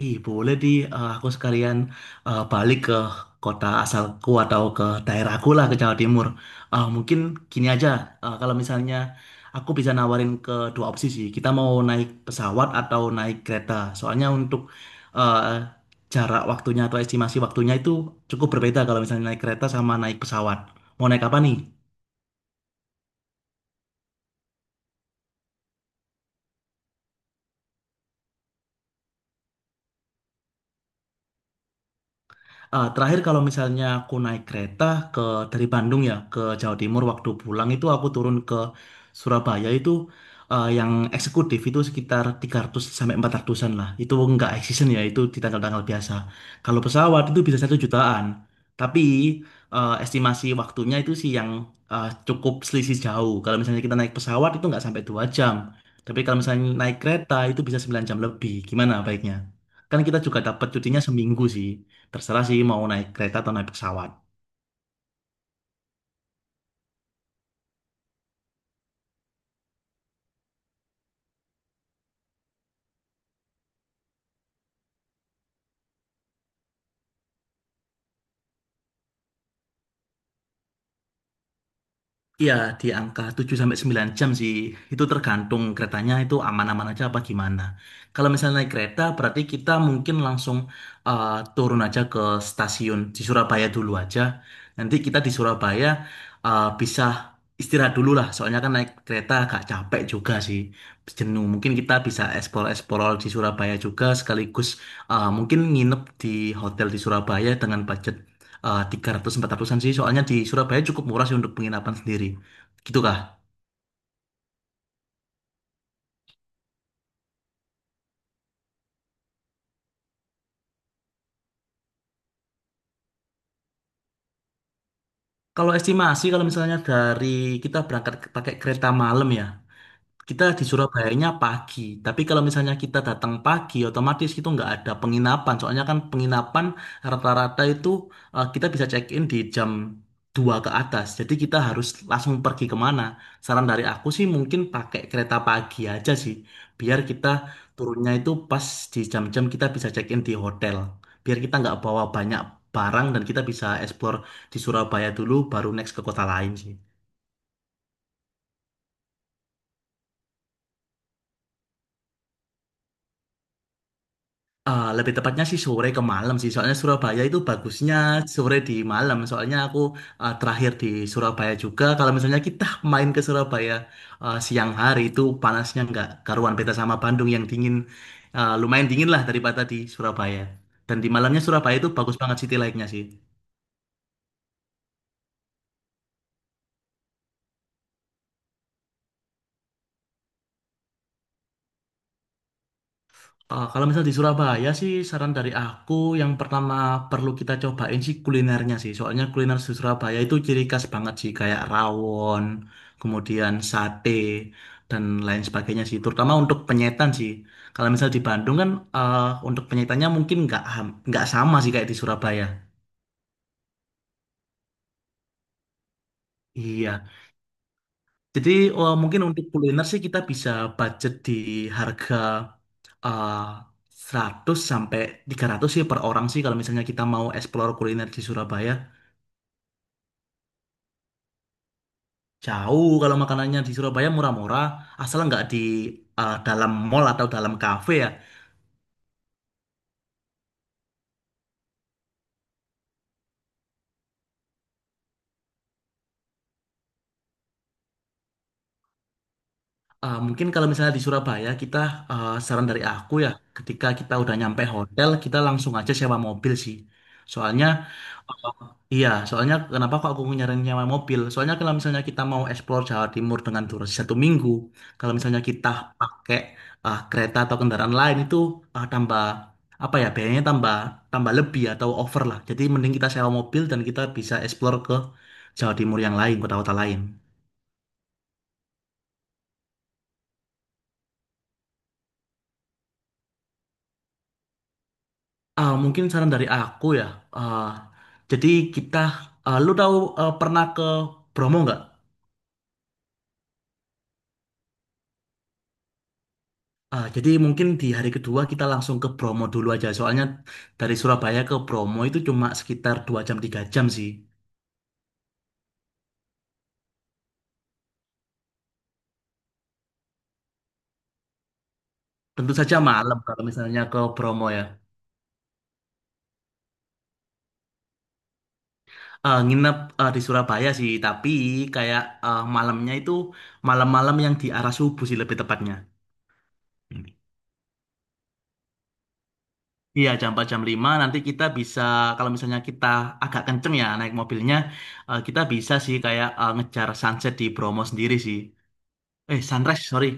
Ih, boleh di aku sekalian balik ke kota asalku atau ke daerahku lah ke Jawa Timur. Mungkin gini aja, kalau misalnya aku bisa nawarin ke dua opsi sih. Kita mau naik pesawat atau naik kereta. Soalnya untuk eh, jarak waktunya atau estimasi waktunya itu cukup berbeda kalau misalnya naik kereta sama naik pesawat. Mau naik apa nih? Terakhir kalau misalnya aku naik kereta ke dari Bandung ya ke Jawa Timur waktu pulang itu aku turun ke Surabaya itu yang eksekutif itu sekitar 300 sampai 400-an lah. Itu nggak high season ya, itu di tanggal-tanggal biasa. Kalau pesawat itu bisa 1 jutaan. Tapi estimasi waktunya itu sih yang cukup selisih jauh. Kalau misalnya kita naik pesawat itu nggak sampai 2 jam. Tapi kalau misalnya naik kereta itu bisa 9 jam lebih. Gimana baiknya? Kan kita juga dapat cutinya seminggu sih. Terserah sih mau naik kereta atau naik pesawat. Iya, di angka 7 sampai 9 jam sih. Itu tergantung keretanya itu aman-aman aja apa gimana. Kalau misalnya naik kereta berarti kita mungkin langsung eh, turun aja ke stasiun di Surabaya dulu aja. Nanti kita di Surabaya bisa istirahat dulu lah. Soalnya kan naik kereta agak capek juga sih. Jenuh. Mungkin kita bisa eksplor-eksplor di Surabaya juga sekaligus mungkin nginep di hotel di Surabaya dengan budget 300 400-an sih, soalnya di Surabaya cukup murah sih untuk penginapan sendiri gitu kah. Kalau estimasi kalau misalnya dari kita berangkat pakai kereta malam ya. Kita di Surabayanya pagi, tapi kalau misalnya kita datang pagi, otomatis itu nggak ada penginapan. Soalnya kan penginapan rata-rata itu kita bisa check-in di pukul 2 ke atas. Jadi kita harus langsung pergi kemana. Saran dari aku sih mungkin pakai kereta pagi aja sih, biar kita turunnya itu pas di jam-jam kita bisa check-in di hotel. Biar kita nggak bawa banyak barang dan kita bisa explore di Surabaya dulu, baru next ke kota lain sih. Lebih tepatnya sih sore ke malam sih. Soalnya Surabaya itu bagusnya sore di malam. Soalnya aku terakhir di Surabaya juga. Kalau misalnya kita main ke Surabaya siang hari itu panasnya nggak karuan, beda sama Bandung yang dingin. Lumayan dingin lah daripada di Surabaya. Dan di malamnya Surabaya itu bagus banget city light-nya sih. Kalau misal di Surabaya sih saran dari aku yang pertama perlu kita cobain sih kulinernya sih. Soalnya kuliner di Surabaya itu ciri khas banget sih, kayak rawon, kemudian sate dan lain sebagainya sih. Terutama untuk penyetan sih. Kalau misal di Bandung kan eh, untuk penyetannya mungkin nggak sama sih kayak di Surabaya. Iya. Jadi mungkin untuk kuliner sih kita bisa budget di harga eh, 100 sampai 300 sih per orang sih kalau misalnya kita mau explore kuliner di Surabaya. Jauh, kalau makanannya di Surabaya murah-murah, asal nggak di dalam mall atau dalam kafe ya. Mungkin kalau misalnya di Surabaya kita saran dari aku ya, ketika kita udah nyampe hotel kita langsung aja sewa mobil sih. Soalnya, iya, soalnya kenapa kok aku nyaranin nyewa mobil? Soalnya kalau misalnya kita mau explore Jawa Timur dengan durasi 1 minggu, kalau misalnya kita pakai kereta atau kendaraan lain itu tambah apa ya, biayanya tambah tambah lebih atau over lah. Jadi mending kita sewa mobil dan kita bisa explore ke Jawa Timur yang lain, kota-kota lain. Mungkin saran dari aku ya. ah, jadi kita, lu tahu pernah ke Bromo nggak? Jadi mungkin di hari kedua kita langsung ke Bromo dulu aja. Soalnya dari Surabaya ke Bromo itu cuma sekitar 2 jam 3 jam sih. Tentu saja malam kalau misalnya ke Bromo ya. Nginep di Surabaya sih, tapi kayak malamnya itu malam-malam yang di arah subuh sih lebih tepatnya. Iya, pukul 4 pukul 5. Nanti kita bisa kalau misalnya kita agak kenceng ya naik mobilnya, kita bisa sih kayak ngejar sunset di Bromo sendiri sih. Eh, sunrise, sorry.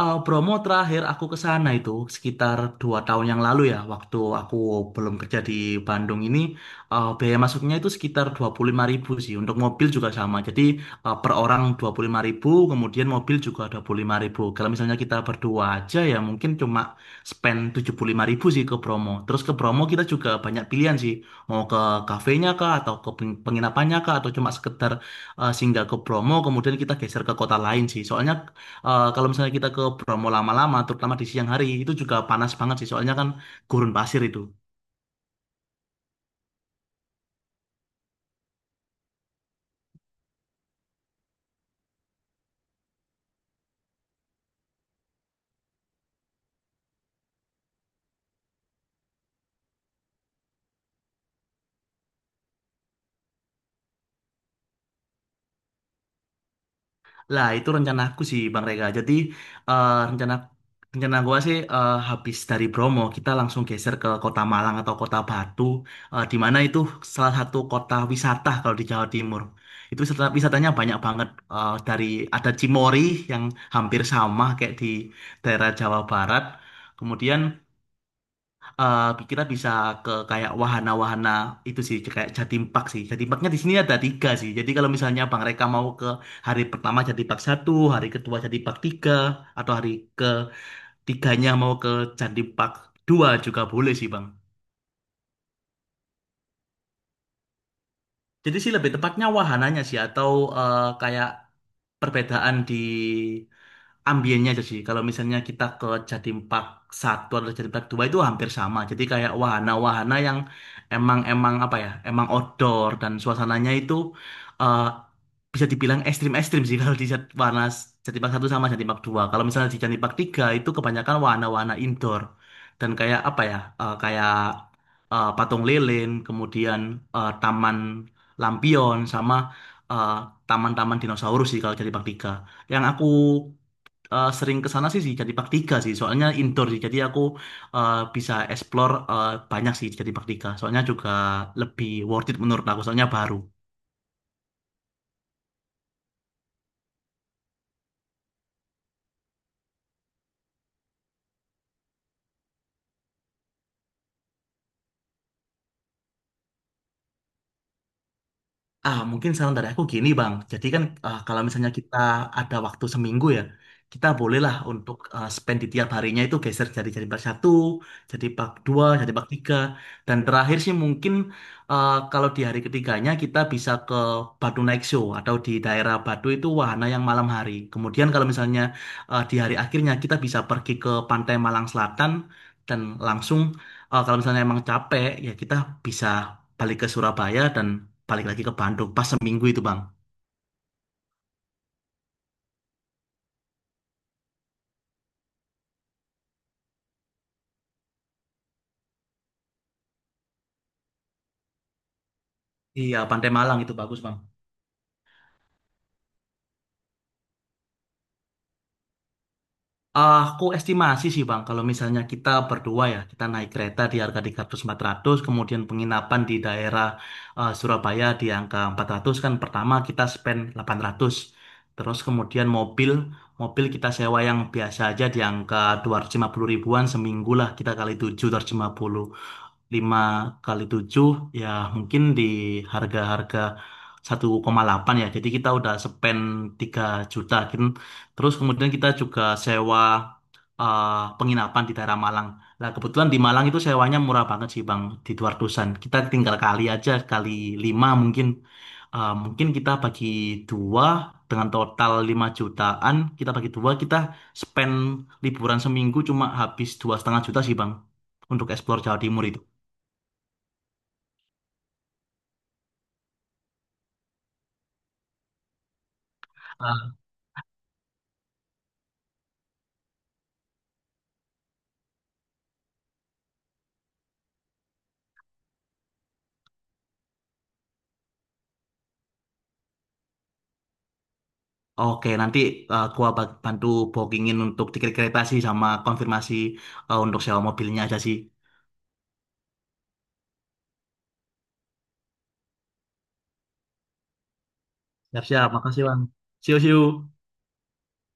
Eh, Bromo terakhir aku ke sana itu sekitar 2 tahun yang lalu ya, waktu aku belum kerja di Bandung ini, biaya masuknya itu sekitar 25 ribu sih, untuk mobil juga sama. Jadi per orang 25 ribu, kemudian mobil juga 25 ribu. Kalau misalnya kita berdua aja ya mungkin cuma spend 75 ribu sih ke Bromo. Terus ke Bromo kita juga banyak pilihan sih, mau ke kafenya kah, atau ke penginapannya kah, atau cuma sekedar singgah ke Bromo, kemudian kita geser ke kota lain sih. Soalnya, eh, kalau misalnya kita ke Bromo lama-lama, terutama di siang hari, itu juga panas banget sih. Soalnya kan gurun pasir itu. Lah, itu rencana aku sih, Bang Rega. Jadi, rencana rencana gua sih, habis dari Bromo, kita langsung geser ke Kota Malang atau Kota Batu, di mana itu salah satu kota wisata kalau di Jawa Timur. Itu wisata- wisatanya banyak banget. Eh, dari ada Cimory yang hampir sama kayak di daerah Jawa Barat. Kemudian kita bisa ke kayak wahana-wahana itu sih kayak Jatim Park sih. Jatim Parknya di sini ada tiga sih. Jadi kalau misalnya Bang Reka mau ke hari pertama Jatim Park satu, hari kedua Jatim Park tiga, atau hari ketiganya mau ke Jatim Park dua juga boleh sih Bang. Jadi sih lebih tepatnya wahananya sih atau kayak perbedaan di ambiennya aja sih. Kalau misalnya kita ke Jatim Park Satu atau Jatim Park 2 itu hampir sama. Jadi kayak wahana-wahana yang emang emang apa ya? Emang outdoor dan suasananya itu eh, bisa dibilang ekstrim-ekstrim sih kalau di wahana Jatim Park Satu sama Jatim Park 2. Kalau misalnya di Jatim Park 3 itu kebanyakan wahana-wahana indoor dan kayak apa ya? Kayak patung lilin, kemudian taman lampion sama eh, taman-taman dinosaurus sih kalau Jatim Park 3. Yang aku sering ke sana sih sih jadi praktika sih, soalnya indoor sih. Jadi aku bisa explore banyak sih jadi praktika. Soalnya juga lebih worth it menurut aku, soalnya baru. Mungkin saran dari aku gini, Bang. Jadi kan kalau misalnya kita ada waktu seminggu ya, kita bolehlah untuk spend di tiap harinya itu geser, jadi bak satu, jadi bak dua, jadi bak tiga, dan terakhir sih mungkin kalau di hari ketiganya kita bisa ke Batu Night Show atau di daerah Batu itu wahana yang malam hari. Kemudian kalau misalnya di hari akhirnya kita bisa pergi ke Pantai Malang Selatan dan langsung kalau misalnya emang capek ya kita bisa balik ke Surabaya dan balik lagi ke Bandung pas seminggu itu bang. Iya, Pantai Malang itu bagus bang. Aku estimasi sih bang kalau misalnya kita berdua ya, kita naik kereta di harga 300-400, kemudian penginapan di daerah Surabaya di angka 400, kan pertama kita spend 800, terus kemudian mobil mobil kita sewa yang biasa aja di angka 250 ribuan seminggu lah, kita kali 7, 250 5 kali 7 ya, mungkin di harga-harga 1,8 ya. Jadi kita udah spend 3 juta. Kin- terus kemudian kita juga sewa eh, penginapan di daerah Malang. Nah, kebetulan di Malang itu sewanya murah banget sih, Bang, di 200-an. Kita tinggal kali aja kali 5 mungkin. Eh, mungkin kita bagi dua dengan total 5 jutaan, kita bagi dua kita spend liburan seminggu cuma habis 2,5 juta sih, Bang, untuk explore Jawa Timur itu. Oke, nanti gua bantu bookingin untuk tiket kereta sih sama konfirmasi untuk sewa mobilnya aja sih. Siap-siap, makasih Bang. See you, see you.